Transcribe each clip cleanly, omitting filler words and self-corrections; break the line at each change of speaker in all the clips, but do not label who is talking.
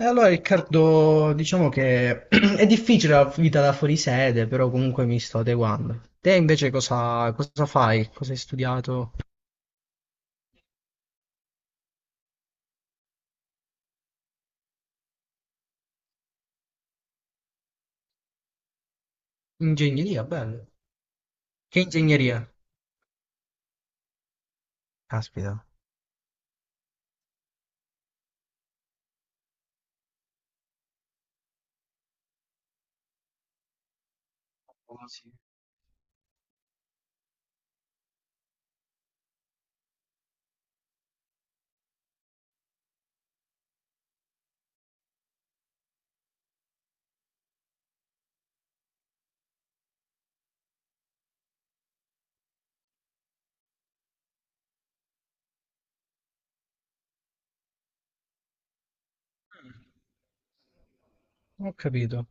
E allora Riccardo, diciamo che è difficile la vita da fuori sede, però comunque mi sto adeguando. Te invece cosa, cosa fai? Cosa hai studiato? Ingegneria, bello. Che ingegneria? Caspita. Ho capito.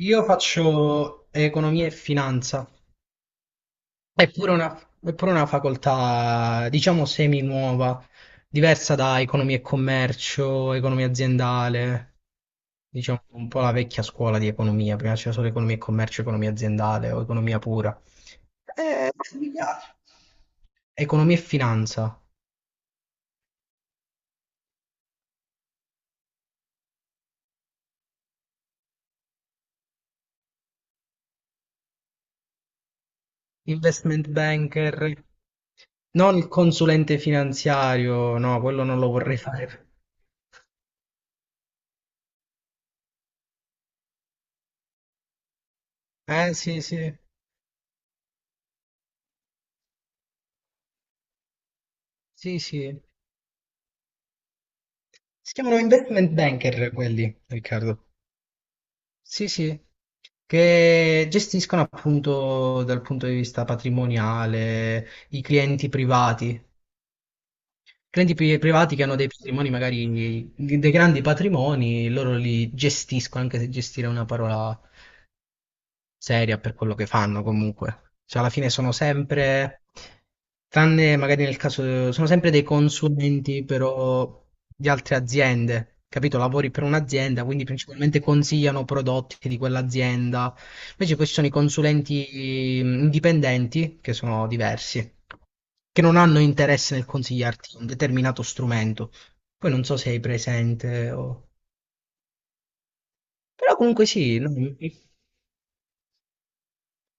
Io faccio economia e finanza. È pure una, è pure una facoltà, diciamo, semi nuova, diversa da economia e commercio, economia aziendale, diciamo un po' la vecchia scuola di economia, prima c'era solo economia e commercio, economia aziendale o economia pura. Eh, mi piace. Economia e finanza, investment banker, non il consulente finanziario, no, quello non lo vorrei fare. Eh sì, sì, sì, sì. Si chiamano investment banker quelli, Riccardo. Sì, sì, che gestiscono appunto dal punto di vista patrimoniale i clienti privati. Privati che hanno dei patrimoni, magari dei grandi patrimoni, loro li gestiscono, anche se gestire è una parola seria per quello che fanno comunque. Cioè, alla fine sono sempre, tranne magari nel caso, sono sempre dei consulenti però di altre aziende, capito? Lavori per un'azienda, quindi principalmente consigliano prodotti di quell'azienda. Invece poi ci sono i consulenti indipendenti, che sono diversi, che non hanno interesse nel consigliarti un determinato strumento. Poi non so se hai presente o... Però comunque sì, no?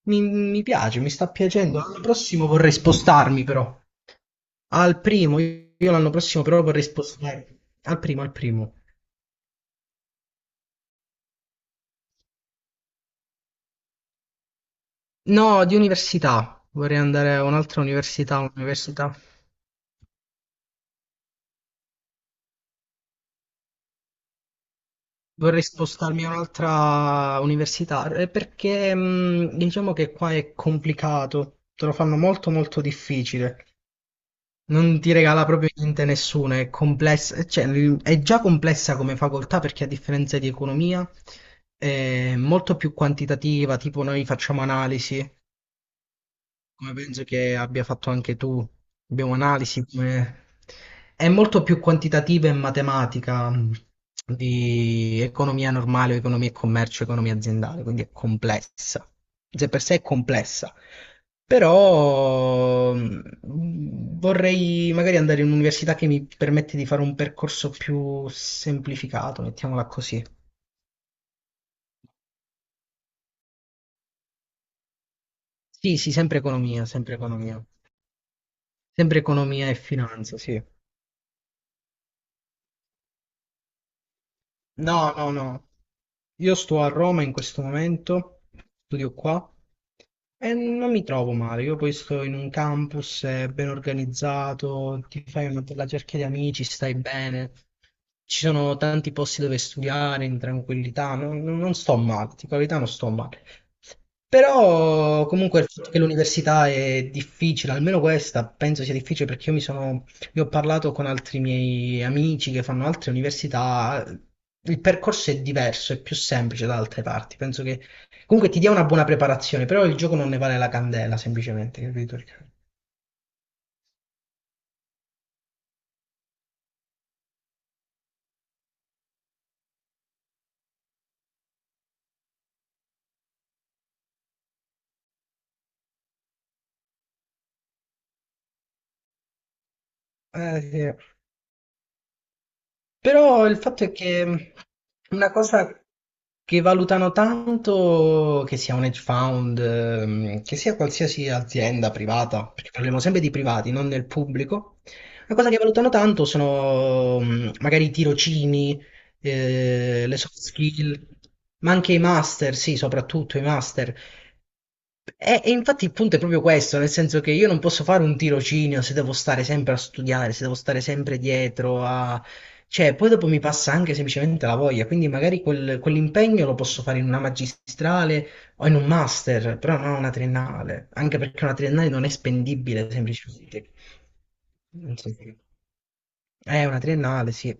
Mi piace, mi sta piacendo. L'anno prossimo vorrei spostarmi però. Al primo, io l'anno prossimo però vorrei spostarmi. Al primo, al primo. No, di università. Vorrei andare a un'altra università, un'università. Vorrei spostarmi a un'altra università perché diciamo che qua è complicato, te lo fanno molto molto difficile. Non ti regala proprio niente nessuno, è complessa, cioè, è già complessa come facoltà perché a differenza di economia è molto più quantitativa, tipo noi facciamo analisi, come penso che abbia fatto anche tu, abbiamo analisi come... È molto più quantitativa e matematica di economia normale, o economia e commercio, economia aziendale, quindi è complessa. Se per sé è complessa, però vorrei magari andare in un'università che mi permette di fare un percorso più semplificato, mettiamola così. Sì, sì, sempre economia, sempre economia. Sempre economia e finanza, sì. No, no, no. Io sto a Roma in questo momento, studio qua e non mi trovo male. Io poi sto in un campus ben organizzato, ti fai una bella cerchia di amici, stai bene. Ci sono tanti posti dove studiare in tranquillità, non sto male, di qualità non sto male. Però comunque il fatto che l'università è difficile, almeno questa penso sia difficile perché io mi sono io ho parlato con altri miei amici che fanno altre università, il percorso è diverso, è più semplice da altre parti. Penso che comunque ti dia una buona preparazione, però il gioco non ne vale la candela, semplicemente, capito? Sì. Però il fatto è che una cosa che valutano tanto che sia un hedge fund, che sia qualsiasi azienda privata, perché parliamo sempre di privati, non del pubblico. Una cosa che valutano tanto sono magari i tirocini, le soft skill, ma anche i master, sì, soprattutto i master. E infatti il punto è proprio questo, nel senso che io non posso fare un tirocinio se devo stare sempre a studiare, se devo stare sempre dietro a... Cioè, poi dopo mi passa anche semplicemente la voglia, quindi magari quell'impegno lo posso fare in una magistrale o in un master, però non una triennale, anche perché una triennale non è spendibile semplicemente. Non so se- È una triennale, sì.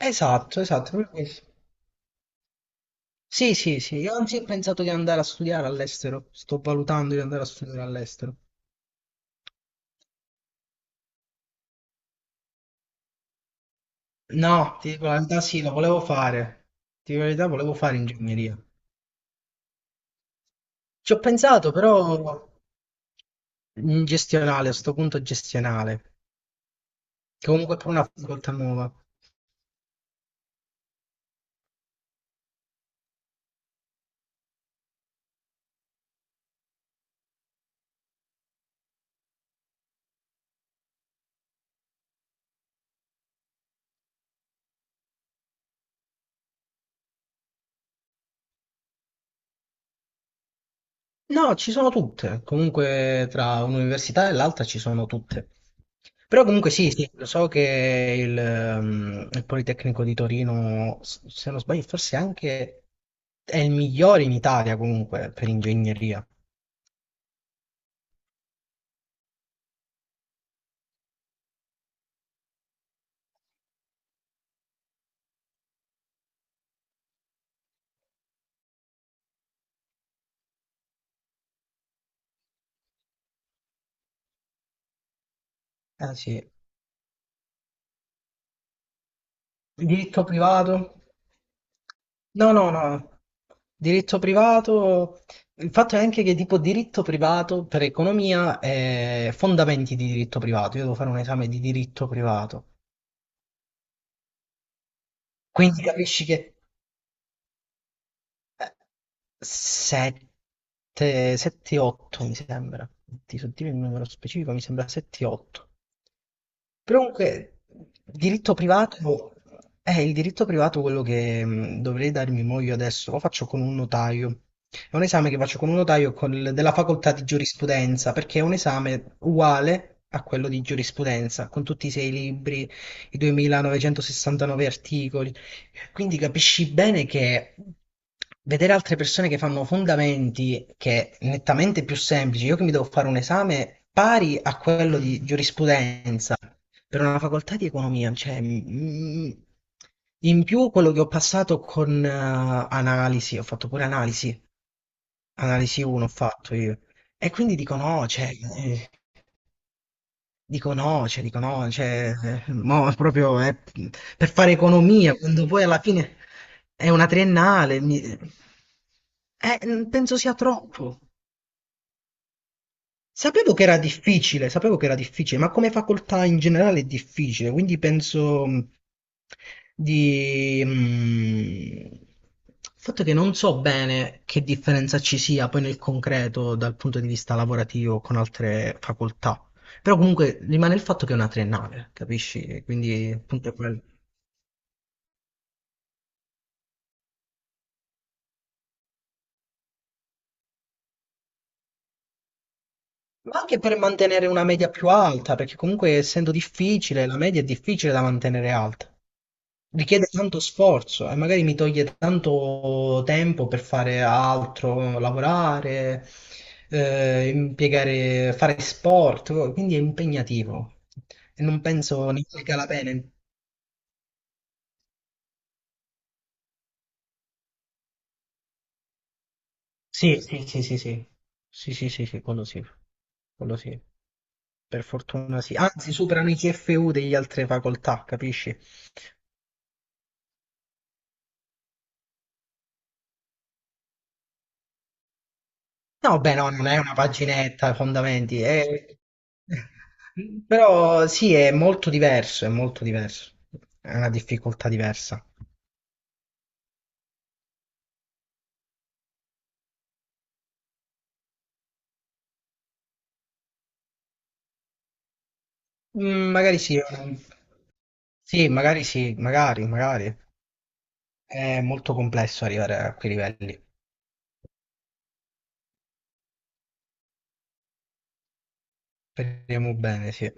Esatto, esatto, proprio questo. Sì, sì, sì, io anzi ho pensato di andare a studiare all'estero, sto valutando di andare a studiare all'estero. No, ti dico la verità, sì, lo volevo fare. Ti dico la verità, volevo fare ingegneria. Ci ho pensato, però in gestionale, a sto punto gestionale, che comunque è pure una facoltà nuova. No, ci sono tutte. Comunque tra un'università e l'altra ci sono tutte. Però comunque sì, sì, lo so che il Politecnico di Torino, se non sbaglio, forse anche è il migliore in Italia comunque per ingegneria. Ah, sì. Diritto privato? No, no, no. Diritto privato, il fatto è anche che tipo diritto privato per economia è fondamenti di diritto privato. Io devo fare un esame di diritto privato. Quindi capisci che 8 mi sembra. Ti so dire il numero specifico, mi sembra 7, 8. Però comunque, diritto privato è il diritto privato quello che dovrei darmi mo io adesso, lo faccio con un notaio. È un esame che faccio con un notaio della facoltà di giurisprudenza, perché è un esame uguale a quello di giurisprudenza, con tutti i sei libri, i 2969 articoli. Quindi capisci bene che vedere altre persone che fanno fondamenti che è nettamente più semplici, io che mi devo fare un esame pari a quello di giurisprudenza, per una facoltà di economia, cioè, in più quello che ho passato con analisi, ho fatto pure analisi, analisi 1 ho fatto io, e quindi dico no, eh, dico no, cioè, mo proprio per fare economia, quando poi alla fine è una triennale, penso sia troppo. Sapevo che era difficile, sapevo che era difficile, ma come facoltà in generale è difficile, quindi penso di... mh, il fatto è che non so bene che differenza ci sia poi nel concreto dal punto di vista lavorativo con altre facoltà, però comunque rimane il fatto che è una triennale, capisci? Quindi il punto è quello. Ma anche per mantenere una media più alta, perché comunque essendo difficile, la media è difficile da mantenere alta. Richiede tanto sforzo e magari mi toglie tanto tempo per fare altro, lavorare, impiegare, fare sport, quindi è impegnativo e non penso ne valga la pena. Sì, sì, sì, sì, sì, sì, sì, sì, sì, quello sì, quello sì, per fortuna sì. Anzi, superano i CFU degli altre facoltà, capisci? No, beh, no, non è una paginetta, fondamenti, è- però sì, è molto diverso, è molto diverso, è una difficoltà diversa. Mm, magari sì, sì, magari, magari. È molto complesso arrivare a quei livelli. Speriamo bene, sì.